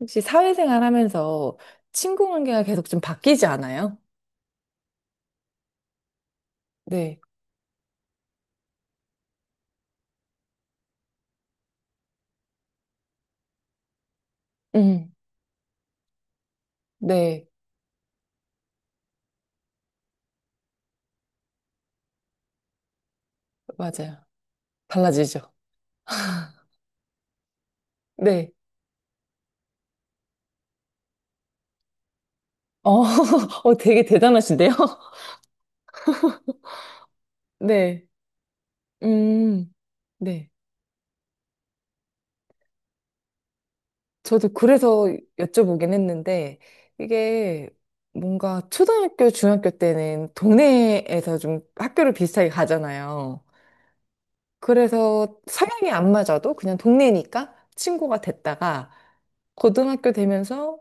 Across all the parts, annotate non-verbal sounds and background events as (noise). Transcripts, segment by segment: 혹시 사회생활 하면서 친구 관계가 계속 좀 바뀌지 않아요? 네, 음, 네, 맞아요. 달라지죠. 네, 어, (laughs) 어, 되게 대단하신데요? (laughs) 네, 음, 네. 저도 그래서 여쭤보긴 했는데, 이게 뭔가 초등학교, 중학교 때는 동네에서 좀 학교를 비슷하게 가잖아요. 그래서 성향이 안 맞아도 그냥 동네니까 친구가 됐다가, 고등학교 되면서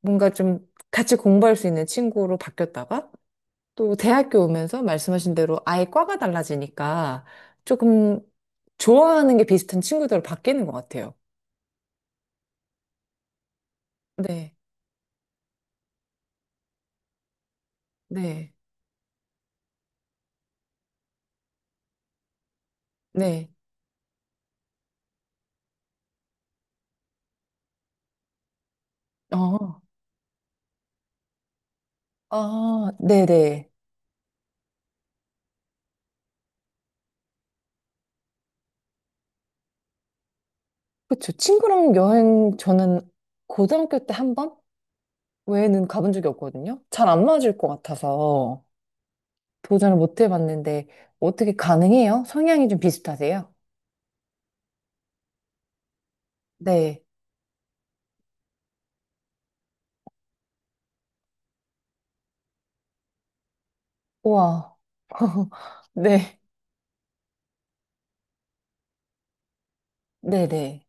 뭔가 좀 같이 공부할 수 있는 친구로 바뀌었다가 또 대학교 오면서 말씀하신 대로 아예 과가 달라지니까 조금 좋아하는 게 비슷한 친구들로 바뀌는 것 같아요. 네, 네, 네. 어, 아, 네네. 그쵸. 친구랑 여행 저는 고등학교 때 한 번? 외에는 가본 적이 없거든요. 잘 안 맞을 것 같아서 도전을 못 해봤는데 어떻게 가능해요? 성향이 좀 비슷하세요? 네. 우와. (laughs) 네. 네네.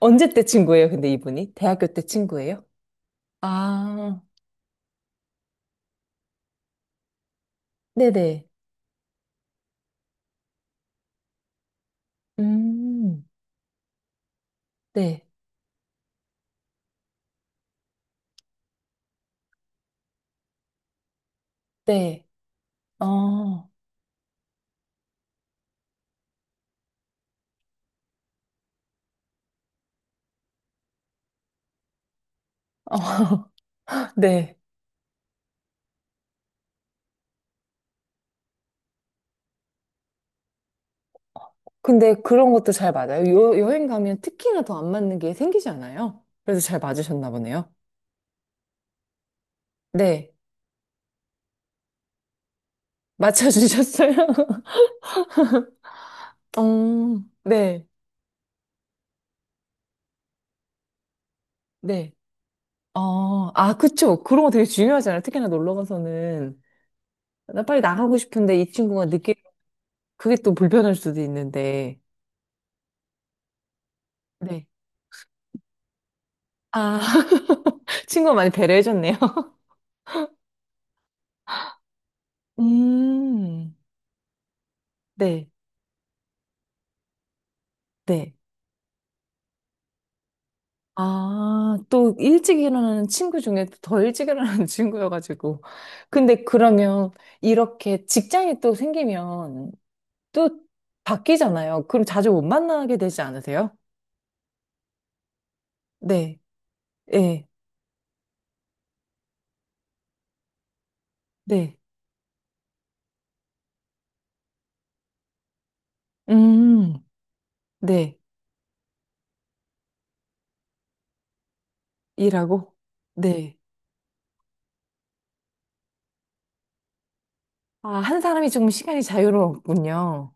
언제 때 친구예요, 근데 이분이? 대학교 때 친구예요? 아, 네네. 음, 네, 네. 어, 어, (laughs) 네. 근데 그런 것도 잘 맞아요. 여행 가면 특히나 더 안 맞는 게 생기지 않아요? 그래서 잘 맞으셨나 보네요. 네. 맞춰주셨어요? (laughs) 어, 네, 네. 어, 아, 그쵸. 그런 거 되게 중요하잖아요. 특히나 놀러 가서는. 나 빨리 나가고 싶은데 이 친구가 늦게, 그게 또 불편할 수도 있는데. 네. 아, (laughs) 친구가 많이 배려해줬네요. 음, 네, 네. 아, 또 일찍 일어나는 친구 중에 더 일찍 일어나는 (laughs) 친구여가지고. 근데 그러면 이렇게 직장이 또 생기면 또 바뀌잖아요. 그럼 자주 못 만나게 되지 않으세요? 네, 네, 네. 음, 네. 일하고? 네. 아, 한 사람이 조금 시간이 자유로웠군요.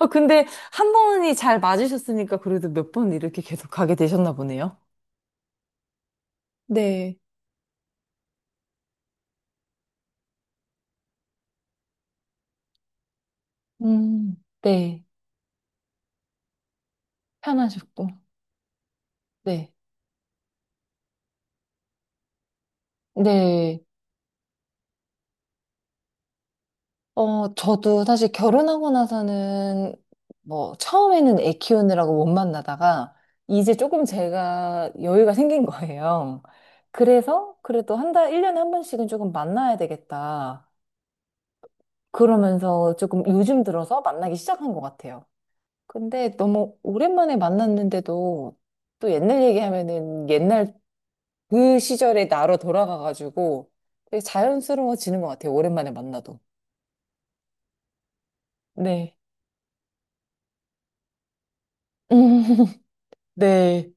아, 근데 한 번이 잘 맞으셨으니까 그래도 몇 번 이렇게 계속 가게 되셨나 보네요. 네. 음, 네. 편하셨고. 네. 네. 어, 저도 사실 결혼하고 나서는 뭐 처음에는 애 키우느라고 못 만나다가 이제 조금 제가 여유가 생긴 거예요. 그래서 그래도 한 달, 1년에 한 번씩은 조금 만나야 되겠다. 그러면서 조금 요즘 들어서 만나기 시작한 것 같아요. 근데 너무 오랜만에 만났는데도 또 옛날 얘기하면은 옛날 그 시절의 나로 돌아가가지고 되게 자연스러워지는 것 같아요. 오랜만에 만나도. 네. (laughs) 네.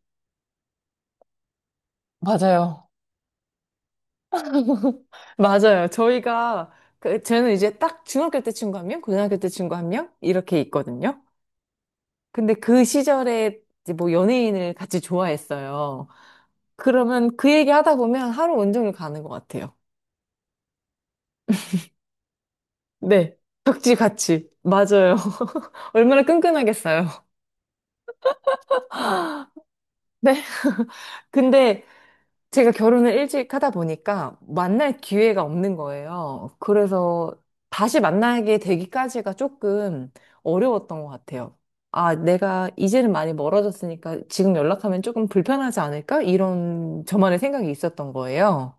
맞아요. 맞아요. 저희가, 그, 저는 이제 딱 중학교 때 친구 한 명, 고등학교 때 친구 한 명, 이렇게 있거든요. 근데 그 시절에 이제 뭐 연예인을 같이 좋아했어요. 그러면 그 얘기 하다 보면 하루 온종일 가는 것 같아요. 네. 벽지 같이. 맞아요. (laughs) 얼마나 끈끈하겠어요. 네. 근데 제가 결혼을 일찍 하다 보니까 만날 기회가 없는 거예요. 그래서 다시 만나게 되기까지가 조금 어려웠던 것 같아요. 아, 내가 이제는 많이 멀어졌으니까 지금 연락하면 조금 불편하지 않을까? 이런 저만의 생각이 있었던 거예요.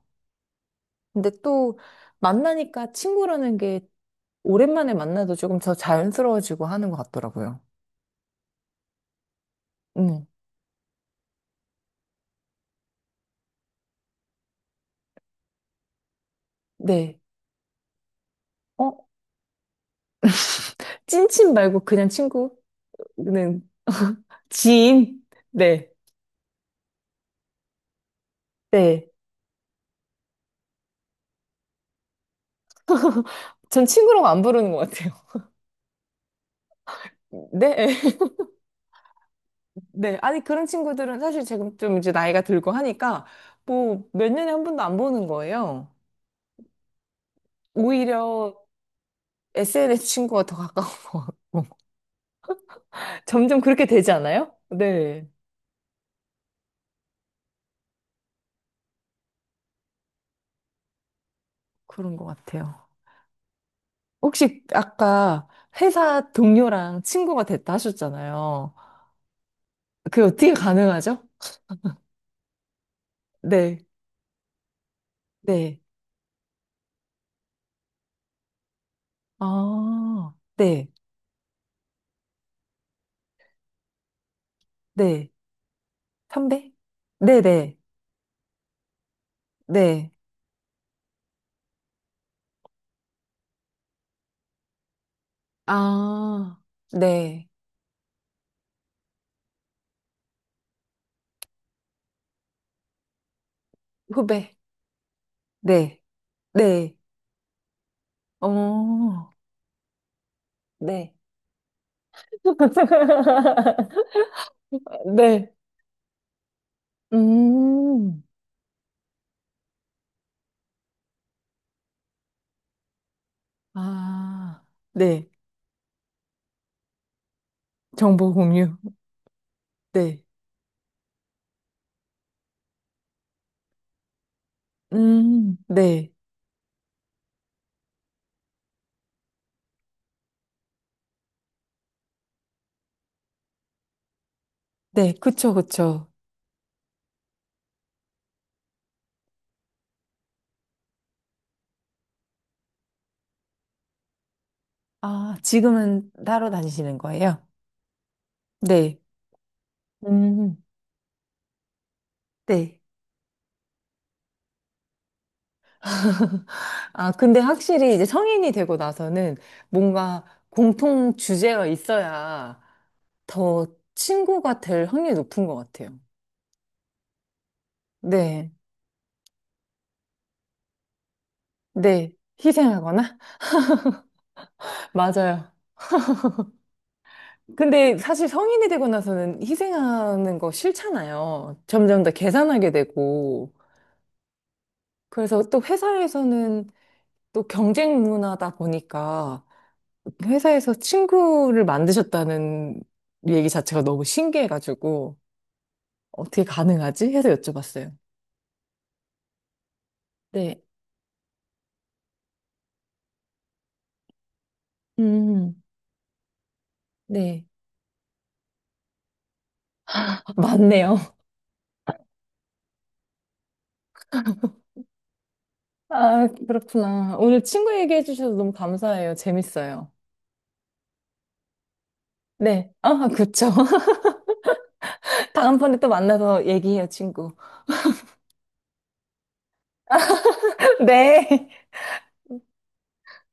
근데 또 만나니까 친구라는 게 오랜만에 만나도 조금 더 자연스러워지고 하는 것 같더라고요. 음. 네. 어? 찐친 말고 그냥 친구는 지인? 네. 네. 전 친구라고 안 부르는 것 같아요. 네. (laughs) 네. 아니, 그런 친구들은 사실 지금 좀 이제 나이가 들고 하니까 뭐 몇 년에 한 번도 안 보는 거예요. 오히려 SNS 친구가 더 가까워. (laughs) 점점 그렇게 되지 않아요? 네. 그런 것 같아요. 혹시 아까 회사 동료랑 친구가 됐다 하셨잖아요. 그게 어떻게 가능하죠? 네. 네. 아, 네. 네. 선배? 네 네. 네. 아, 네. 후배. 네. 네. 어, 네. (laughs) 네. 음, 아, 네. 정보 공유. 네. 네. 네. 그쵸, 그쵸. 아, 지금은 따로 다니시는 거예요? 네. 음, 네. 아, 근데 확실히 이제 성인이 되고 나서는 뭔가 공통 주제가 있어야 더 친구가 될 확률이 높은 것 같아요. 네, 네. 희생하거나? (laughs) 맞아요. 근데 사실 성인이 되고 나서는 희생하는 거 싫잖아요. 점점 더 계산하게 되고. 그래서 또 회사에서는 또 경쟁 문화다 보니까 회사에서 친구를 만드셨다는 얘기 자체가 너무 신기해가지고. 어떻게 가능하지? 해서 여쭤봤어요. 네. 음, 네. 아, 맞네요. (laughs) 아, 그렇구나. 오늘 친구 얘기해 주셔서 너무 감사해요. 재밌어요. 네. 아, 그쵸. (laughs) 다음번에 또 만나서 얘기해요, 친구. (laughs) 네.